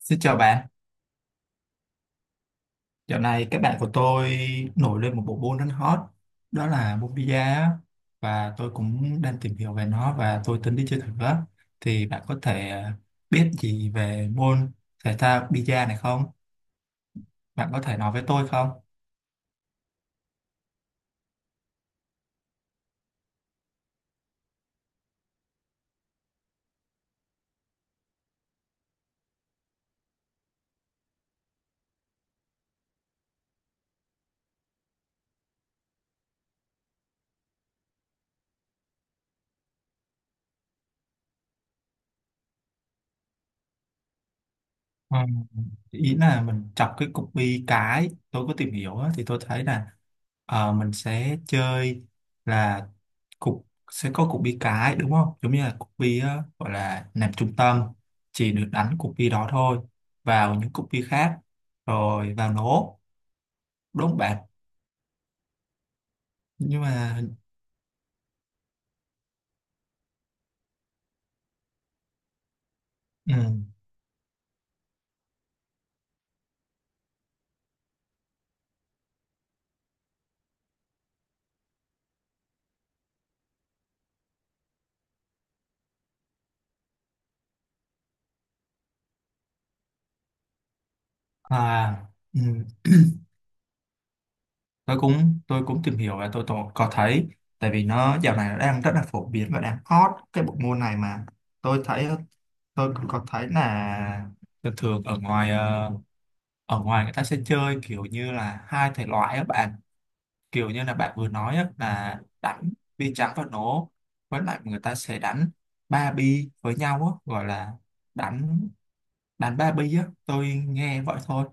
Xin chào bạn, dạo này các bạn của tôi nổi lên một bộ môn rất hot, đó là môn bida á. Và tôi cũng đang tìm hiểu về nó và tôi tính đi chơi thử á. Thì bạn có thể biết gì về môn thể thao bida này không? Bạn có thể nói với tôi không? Ừ. Ý là mình chọc cái cục bi, cái tôi có tìm hiểu á, thì tôi thấy là mình sẽ chơi là cục sẽ có cục bi cái đúng không, giống như là cục bi gọi là nằm trung tâm, chỉ được đánh cục bi đó thôi vào những cục bi khác rồi vào nổ đốt bạc nhưng mà. Ừ, à, ừ, tôi cũng tìm hiểu và tôi có thấy, tại vì nó dạo này nó đang rất là phổ biến và đang hot cái bộ môn này mà, tôi thấy, tôi cũng có thấy là thường thường ở ngoài ở ngoài người ta sẽ chơi kiểu như là hai thể loại á bạn, kiểu như là bạn vừa nói á, là đánh bi trắng và nổ, với lại người ta sẽ đánh ba bi với nhau á, gọi là đánh đánh ba bi á, tôi nghe vậy thôi.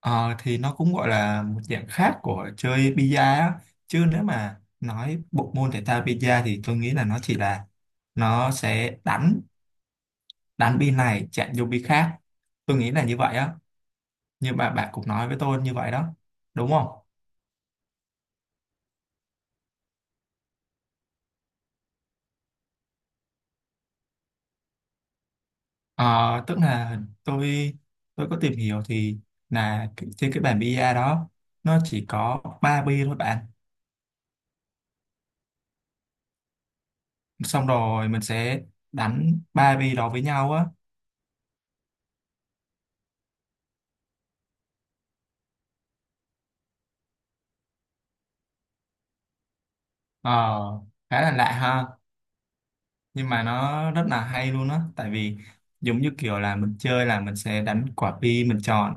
Ờ, thì nó cũng gọi là một dạng khác của chơi bi á, chứ nếu mà nói bộ môn thể thao bi thì tôi nghĩ là nó chỉ là nó sẽ đánh đánh bi này chạm vô bi khác, tôi nghĩ là như vậy á, nhưng mà bạn cũng nói với tôi như vậy đó, đúng không? Ờ, tức là tôi tôi có tìm hiểu thì là trên cái bàn bia đó nó chỉ có ba bi thôi bạn, xong rồi mình sẽ đánh ba bi đó với nhau á. Ờ, khá là lạ ha, nhưng mà nó rất là hay luôn á, tại vì giống như kiểu là mình chơi là mình sẽ đánh quả bi mình chọn,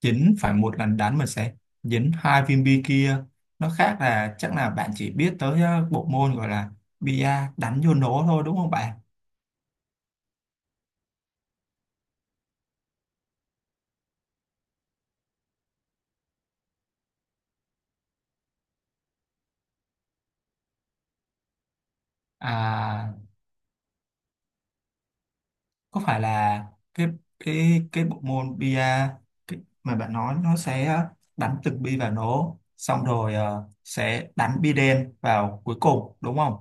dính phải một lần đánh mình sẽ dính hai viên bi kia. Nó khác là chắc là bạn chỉ biết tới bộ môn gọi là bia đánh vô nổ thôi, đúng không bạn? À, có phải là cái cái bộ môn bia cái, mà bạn nói nó sẽ đánh từng bi vào nổ xong rồi sẽ đánh bi đen vào cuối cùng đúng không?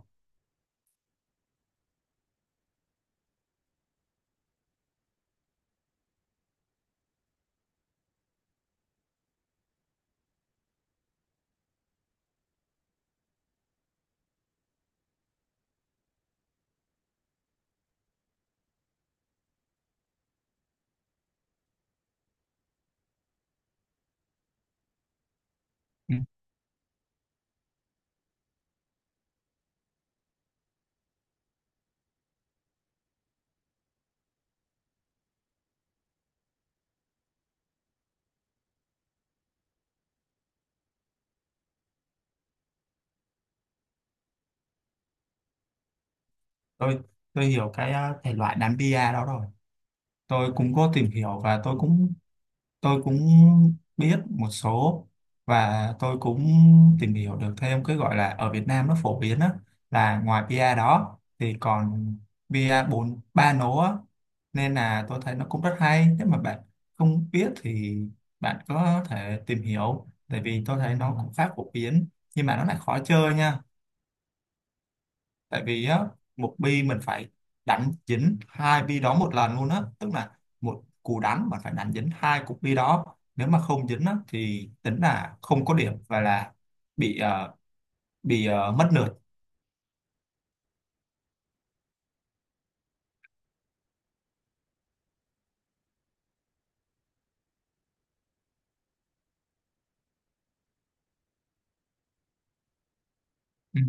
Ừ. Tôi tôi hiểu cái thể loại đánh bia đó rồi. Tôi cũng có tìm hiểu và tôi cũng biết một số, và tôi cũng tìm hiểu được thêm cái gọi là ở Việt Nam nó phổ biến á, là ngoài bia đó thì còn bia bốn ba nố á, nên là tôi thấy nó cũng rất hay, nếu mà bạn không biết thì bạn có thể tìm hiểu, tại vì tôi thấy nó cũng khá phổ biến, nhưng mà nó lại khó chơi nha, tại vì á một bi mình phải đánh dính hai bi đó một lần luôn á, tức là một cú đánh mà phải đánh dính hai cục bi đó, nếu mà không dính á thì tính là không có điểm và là bị bị mất lượt. Ừ,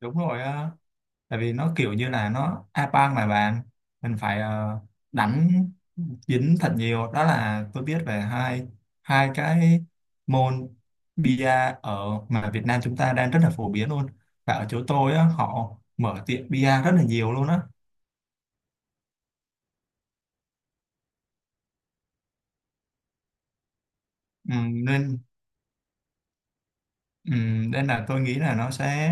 đúng rồi á, tại vì nó kiểu như là nó a bang mà bạn, mình phải đánh dính thật nhiều. Đó là tôi biết về hai hai cái môn bia ở mà Việt Nam chúng ta đang rất là phổ biến luôn, và ở chỗ tôi á, họ mở tiệm bia rất là nhiều luôn á. ừ, nên ừ, nên là tôi nghĩ là nó sẽ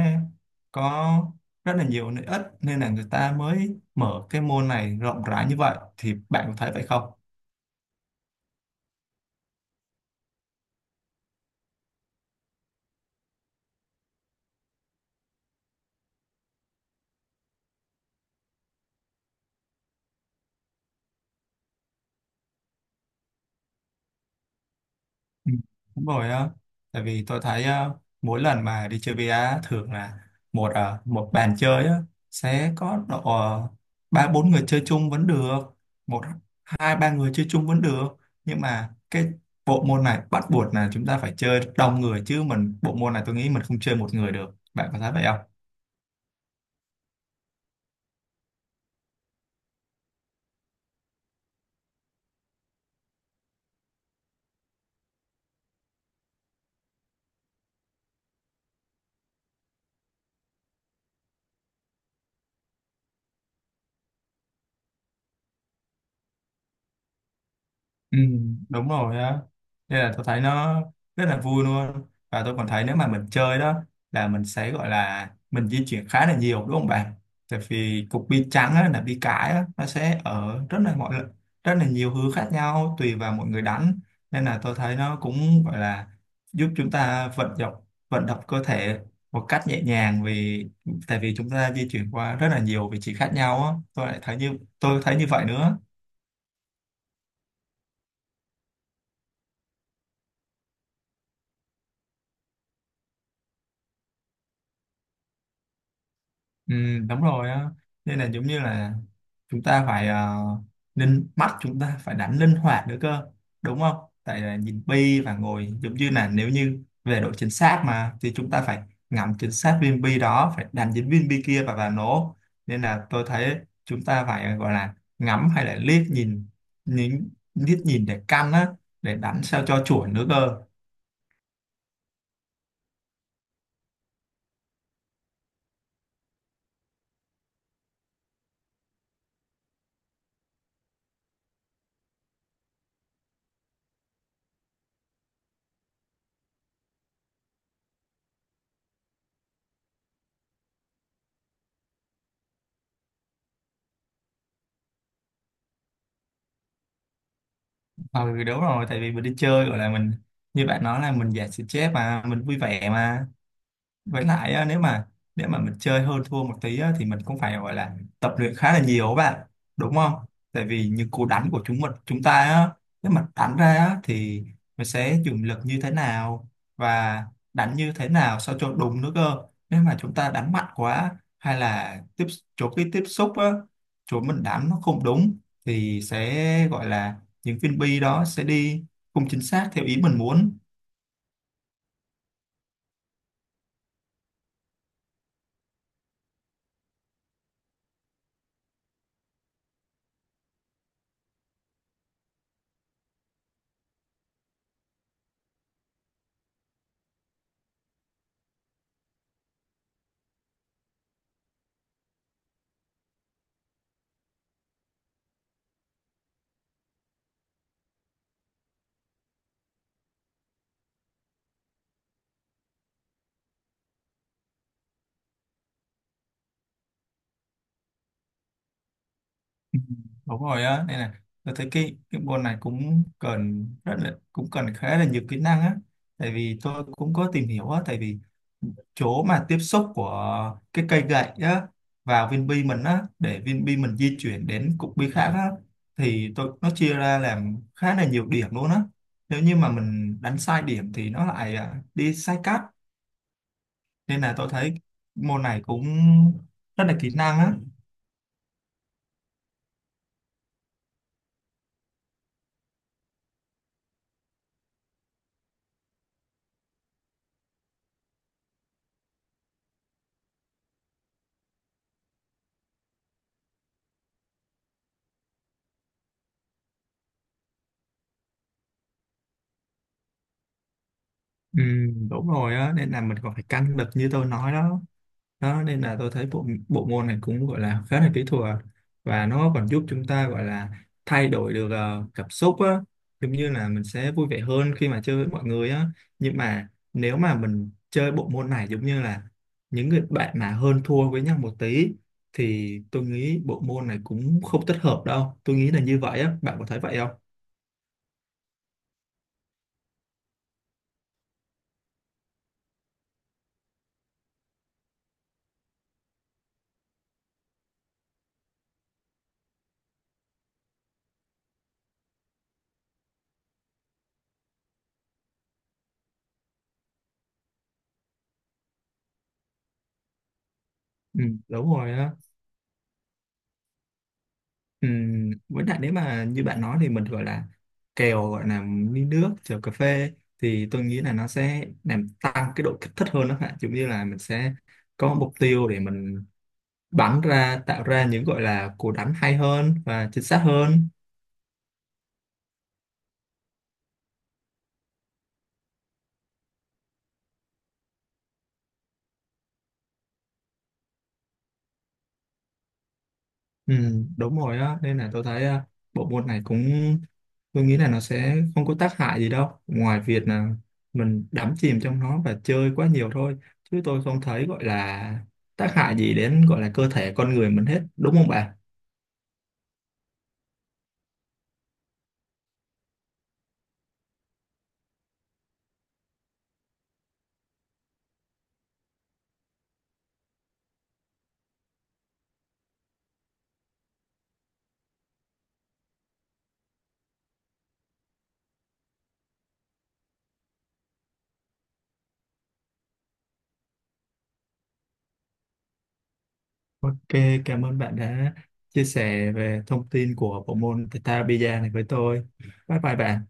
có rất là nhiều lợi ích, nên là người ta mới mở cái môn này rộng rãi như vậy, thì bạn có thấy vậy không? Ừ, đúng rồi á, tại vì tôi thấy á, mỗi lần mà đi chơi VR á, thường là một bàn chơi á, sẽ có độ ba bốn người chơi chung vẫn được, một hai ba người chơi chung vẫn được, nhưng mà cái bộ môn này bắt buộc là chúng ta phải chơi đông người, chứ mình bộ môn này tôi nghĩ mình không chơi một người được, bạn có thấy vậy không? Ừ, đúng rồi á, nên là tôi thấy nó rất là vui luôn, và tôi còn thấy nếu mà mình chơi đó là mình sẽ gọi là mình di chuyển khá là nhiều đúng không bạn, tại vì cục bi trắng á, là bi cải á, nó sẽ ở rất là nhiều hướng khác nhau tùy vào mọi người đánh, nên là tôi thấy nó cũng gọi là giúp chúng ta vận động, vận động cơ thể một cách nhẹ nhàng, tại vì chúng ta di chuyển qua rất là nhiều vị trí khác nhau á, tôi lại thấy như tôi thấy như vậy nữa. Ừ, đúng rồi á, nên là giống như là chúng ta phải linh mắt, chúng ta phải đánh linh hoạt nữa cơ, đúng không, tại là nhìn bi và ngồi giống như là nếu như về độ chính xác mà thì chúng ta phải ngắm chính xác viên bi đó, phải đánh chính viên bi kia và nổ, nên là tôi thấy chúng ta phải gọi là ngắm hay là liếc nhìn, nhìn liếc nhìn để căn á, để đánh sao cho chuẩn nữa cơ. Ừ, đúng rồi, tại vì mình đi chơi gọi là mình như bạn nói là mình giải stress mà, mình vui vẻ mà, với lại á, nếu mà mình chơi hơn thua một tí á, thì mình cũng phải gọi là tập luyện khá là nhiều các bạn, đúng không, tại vì những cú đánh của chúng ta á, nếu mà đánh ra á, thì mình sẽ dùng lực như thế nào và đánh như thế nào sao cho đúng nữa cơ. Nếu mà chúng ta đánh mạnh quá, hay là chỗ cái tiếp xúc á, chỗ mình đánh nó không đúng, thì sẽ gọi là những viên bi đó sẽ đi không chính xác theo ý mình muốn. Ừ, đúng rồi á, nên là tôi thấy cái môn này cũng cần khá là nhiều kỹ năng á, tại vì tôi cũng có tìm hiểu á, tại vì chỗ mà tiếp xúc của cái cây gậy á vào viên bi mình á để viên bi mình di chuyển đến cục bi khác á, thì tôi nó chia ra làm khá là nhiều điểm luôn á, nếu như mà mình đánh sai điểm thì nó lại đi sai cắt, nên là tôi thấy môn này cũng rất là kỹ năng á. Ừ, đúng rồi á, nên là mình còn phải căng lực như tôi nói đó, đó nên là tôi thấy bộ bộ môn này cũng gọi là khá là kỹ thuật, và nó còn giúp chúng ta gọi là thay đổi được cảm xúc á, giống như là mình sẽ vui vẻ hơn khi mà chơi với mọi người á, nhưng mà nếu mà mình chơi bộ môn này giống như là những người bạn mà hơn thua với nhau một tí, thì tôi nghĩ bộ môn này cũng không thích hợp đâu, tôi nghĩ là như vậy á, bạn có thấy vậy không? Ừ, đúng rồi á. Với lại nếu mà như bạn nói thì mình gọi là kèo, gọi là ly nước kèo cà phê, thì tôi nghĩ là nó sẽ làm tăng cái độ kích thích hơn đó bạn, giống như là mình sẽ có mục tiêu để mình bắn ra, tạo ra những gọi là cú đánh hay hơn và chính xác hơn. Ừ, đúng rồi á, nên là tôi thấy bộ môn này cũng, tôi nghĩ là nó sẽ không có tác hại gì đâu, ngoài việc là mình đắm chìm trong nó và chơi quá nhiều thôi, chứ tôi không thấy gọi là tác hại gì đến gọi là cơ thể con người mình hết, đúng không bạn? Ok, cảm ơn bạn đã chia sẻ về thông tin của bộ môn Theta Bida này với tôi, bye bye bạn.